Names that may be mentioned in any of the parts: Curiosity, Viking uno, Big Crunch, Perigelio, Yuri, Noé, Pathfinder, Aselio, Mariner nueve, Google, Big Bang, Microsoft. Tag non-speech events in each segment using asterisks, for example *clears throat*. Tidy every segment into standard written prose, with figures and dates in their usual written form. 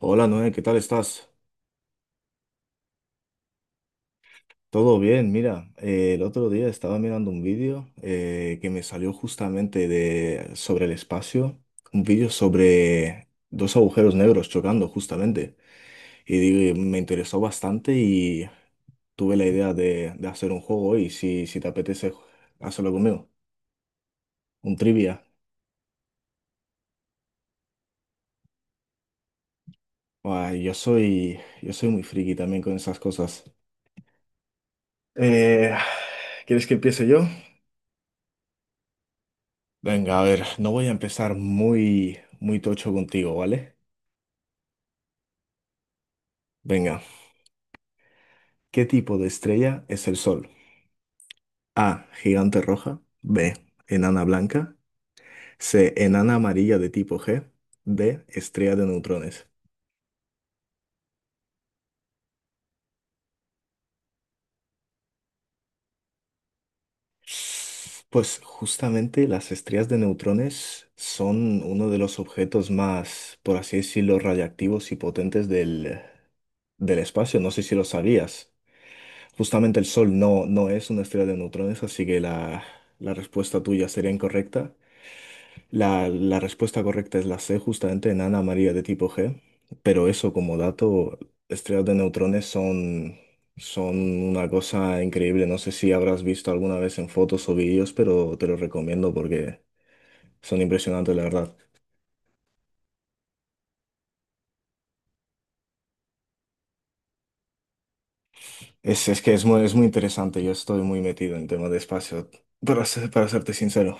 Hola Noé, ¿qué tal estás? Todo bien, mira, el otro día estaba mirando un vídeo que me salió justamente sobre el espacio, un vídeo sobre dos agujeros negros chocando justamente, y me interesó bastante y tuve la idea de hacer un juego y si te apetece, hacerlo conmigo, un trivia. Ah, yo soy muy friki también con esas cosas. Eh, ¿Quieres que empiece yo? Venga, a ver, no voy a empezar muy, muy tocho contigo, ¿vale? Venga, ¿qué tipo de estrella es el Sol? A, gigante roja, B, enana blanca, C, enana amarilla de tipo G, D, estrella de neutrones. Pues justamente las estrellas de neutrones son uno de los objetos más, por así decirlo, radiactivos y potentes del espacio. No sé si lo sabías. Justamente el Sol no es una estrella de neutrones, así que la respuesta tuya sería incorrecta. La respuesta correcta es la C, justamente enana amarilla de tipo G. Pero eso como dato, estrellas de neutrones son una cosa increíble. No sé si habrás visto alguna vez en fotos o vídeos, pero te lo recomiendo porque son impresionantes, la verdad. Es que es muy interesante. Yo estoy muy metido en temas de espacio, para serte sincero.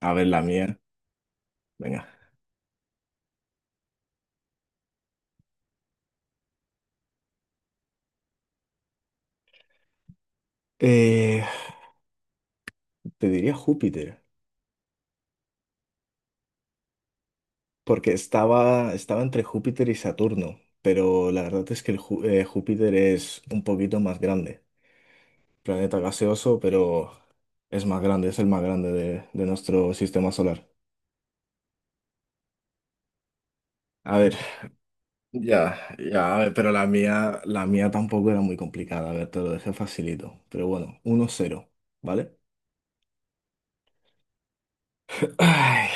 A ver, la mía. Venga. Eh, Te diría Júpiter, porque estaba entre Júpiter y Saturno, pero la verdad es que Júpiter es un poquito más grande. Planeta gaseoso, pero es más grande, es el más grande de nuestro sistema solar. A ver, ya, ya, a ver, pero la mía tampoco era muy complicada. A ver, te lo dejé facilito. Pero bueno, 1-0, ¿vale? *clears throat* Ay,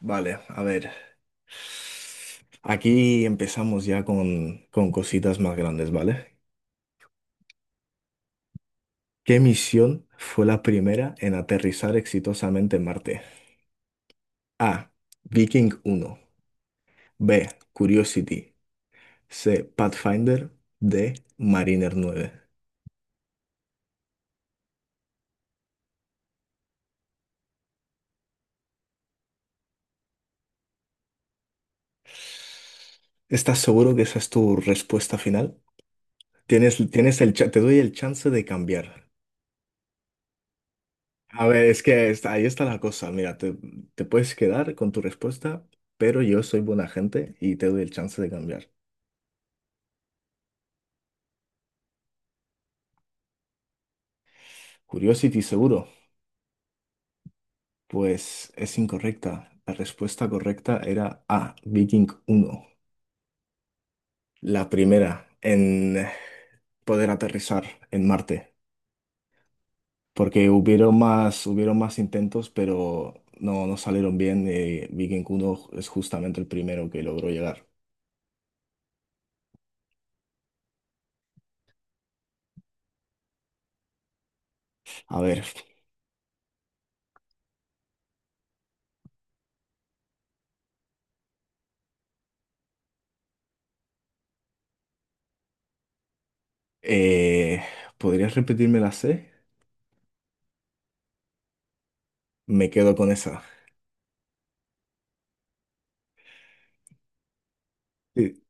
vale, a ver. Aquí empezamos ya con cositas más grandes, ¿vale? ¿Qué misión fue la primera en aterrizar exitosamente en Marte? A. Viking 1. B. Curiosity. C. Pathfinder. D. Mariner 9. ¿Estás seguro que esa es tu respuesta final? Te doy el chance de cambiar. A ver, es que ahí está la cosa. Mira, te puedes quedar con tu respuesta, pero yo soy buena gente y te doy el chance de cambiar. Curiosity, seguro. Pues es incorrecta. La respuesta correcta era A, Viking 1, la primera en poder aterrizar en Marte, porque hubieron más intentos, pero no salieron bien. Viking 1 es justamente el primero que logró llegar. A ver, eh, ¿podrías repetirme la C? Me quedo con esa. Sí.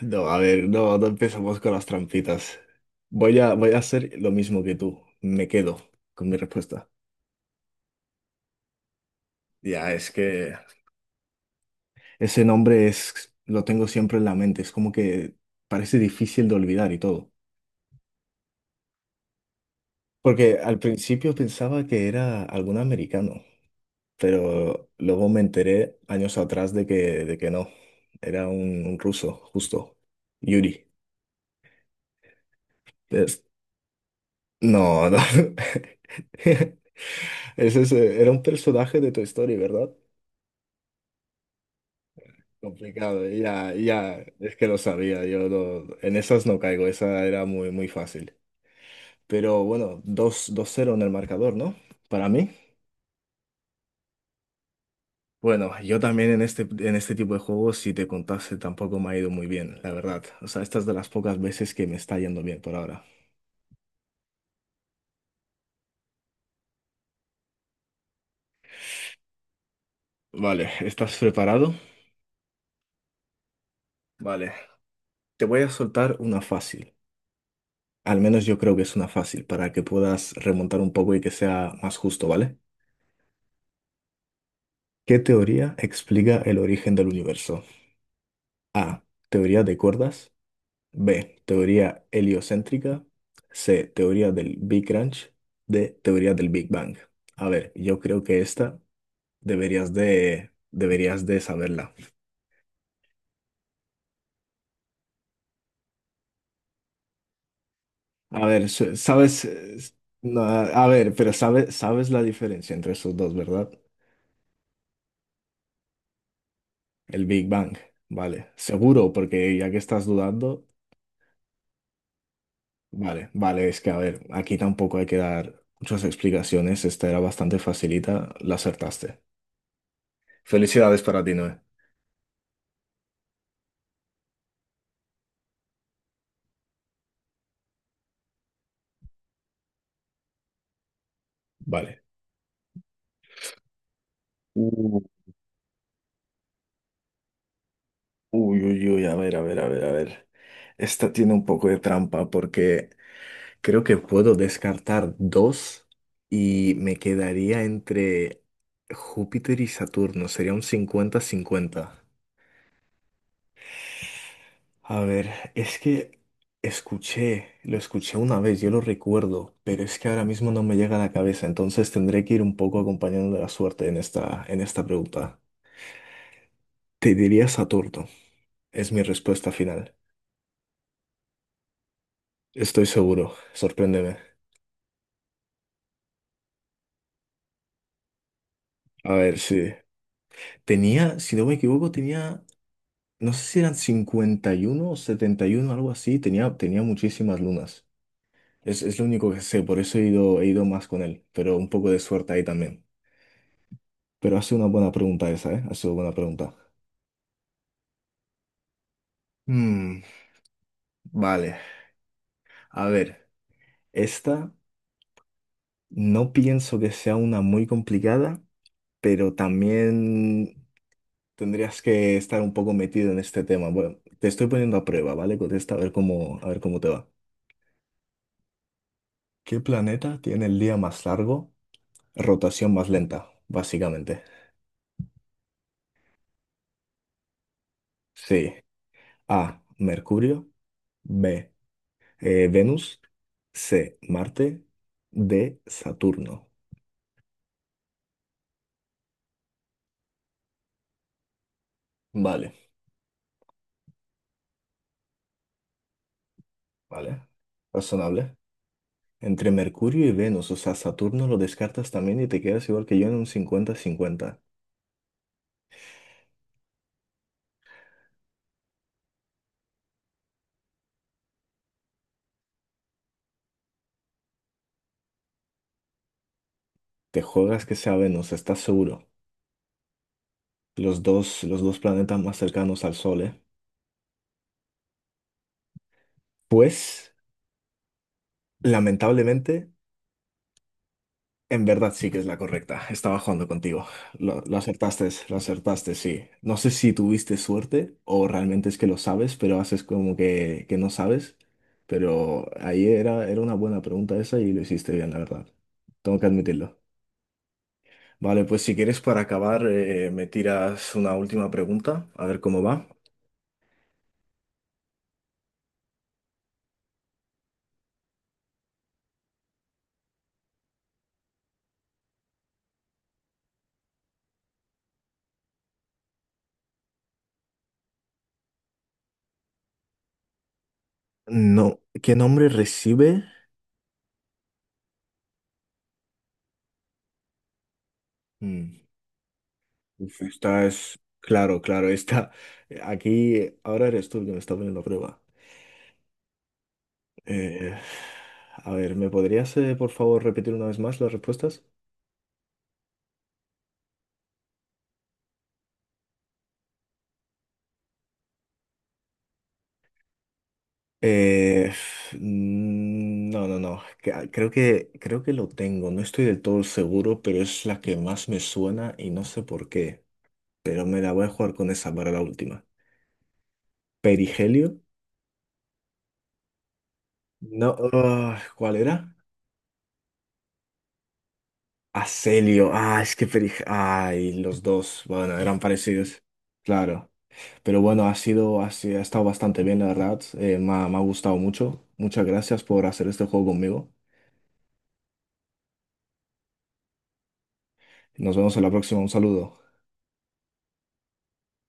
No, a ver, no empecemos con las trampitas. Voy a hacer lo mismo que tú. Me quedo con mi respuesta. Ya, es que ese nombre lo tengo siempre en la mente, es como que parece difícil de olvidar y todo. Porque al principio pensaba que era algún americano, pero luego me enteré años atrás de que no, era un ruso, justo, Yuri. Es- no, no. *laughs* Era un personaje de tu historia, ¿verdad? Complicado, ya, ya, es que lo sabía, yo no- en esas no caigo, esa era muy, muy fácil. Pero bueno, dos cero en el marcador, ¿no? Para mí. Bueno, yo también en este tipo de juegos, si te contase, tampoco me ha ido muy bien, la verdad. O sea, estas de las pocas veces que me está yendo bien por ahora. Vale, ¿estás preparado? Vale, te voy a soltar una fácil. Al menos yo creo que es una fácil, para que puedas remontar un poco y que sea más justo, ¿vale? ¿Qué teoría explica el origen del universo? A. Teoría de cuerdas. B. Teoría heliocéntrica. C. Teoría del Big Crunch. D. Teoría del Big Bang. A ver, yo creo que esta deberías de saberla. A ver, sabes, no, a ver, pero sabes la diferencia entre esos dos, ¿verdad? El Big Bang, vale. Seguro, porque ya que estás dudando, vale, vale, es que a ver, aquí tampoco hay que dar muchas explicaciones. Esta era bastante facilita, la acertaste. Felicidades para ti, Noé. Vale. Uy, uy, uy, a ver, a ver, a ver, a ver. Esta tiene un poco de trampa porque creo que puedo descartar dos y me quedaría entre Júpiter y Saturno. Sería un 50-50. A ver, es que escuché, lo escuché una vez, yo lo recuerdo, pero es que ahora mismo no me llega a la cabeza, entonces tendré que ir un poco acompañando la suerte en esta pregunta. Te diría Saturno, es mi respuesta final. Estoy seguro, sorpréndeme. A ver, sí. Tenía, si no me equivoco, tenía, no sé si eran 51 o 71, algo así. Tenía muchísimas lunas. Es lo único que sé, por eso he ido más con él. Pero un poco de suerte ahí también. Pero ha sido una buena pregunta esa, ¿eh? Ha sido buena pregunta. Mm, vale, a ver. Esta no pienso que sea una muy complicada, pero también tendrías que estar un poco metido en este tema. Bueno, te estoy poniendo a prueba, ¿vale? Contesta, a ver cómo te va. ¿Qué planeta tiene el día más largo, rotación más lenta, básicamente? Sí. A. Mercurio. B. Venus. C. Marte. D. Saturno. Vale, vale. Razonable. Entre Mercurio y Venus, o sea, Saturno lo descartas también y te quedas igual que yo en un 50-50. Te juegas que sea Venus, estás seguro. Los dos planetas más cercanos al Sol, ¿eh? Pues, lamentablemente. En verdad sí que es la correcta. Estaba jugando contigo. Lo acertaste, lo acertaste, sí. No sé si tuviste suerte o realmente es que lo sabes, pero haces como que no sabes. Pero ahí era una buena pregunta esa y lo hiciste bien, la verdad. Tengo que admitirlo. Vale, pues si quieres para acabar, me tiras una última pregunta, a ver cómo va. No, ¿qué nombre recibe? Mm, claro, claro, aquí ahora eres tú el que me está poniendo a prueba. Eh, a ver, ¿me podrías, por favor, repetir una vez más las respuestas? Eh, no, no, no. Creo que lo tengo. No estoy del todo seguro, pero es la que más me suena y no sé por qué. Pero me la voy a jugar con esa para la última. ¿Perigelio? No. ¿Cuál era? Aselio. Ah, es que Perigelio. Ay, los dos. Bueno, eran parecidos. Claro. Pero bueno, ha sido, ha, si- ha estado bastante bien, la verdad. Me ha gustado mucho. Muchas gracias por hacer este juego conmigo. Nos vemos en la próxima. Un saludo.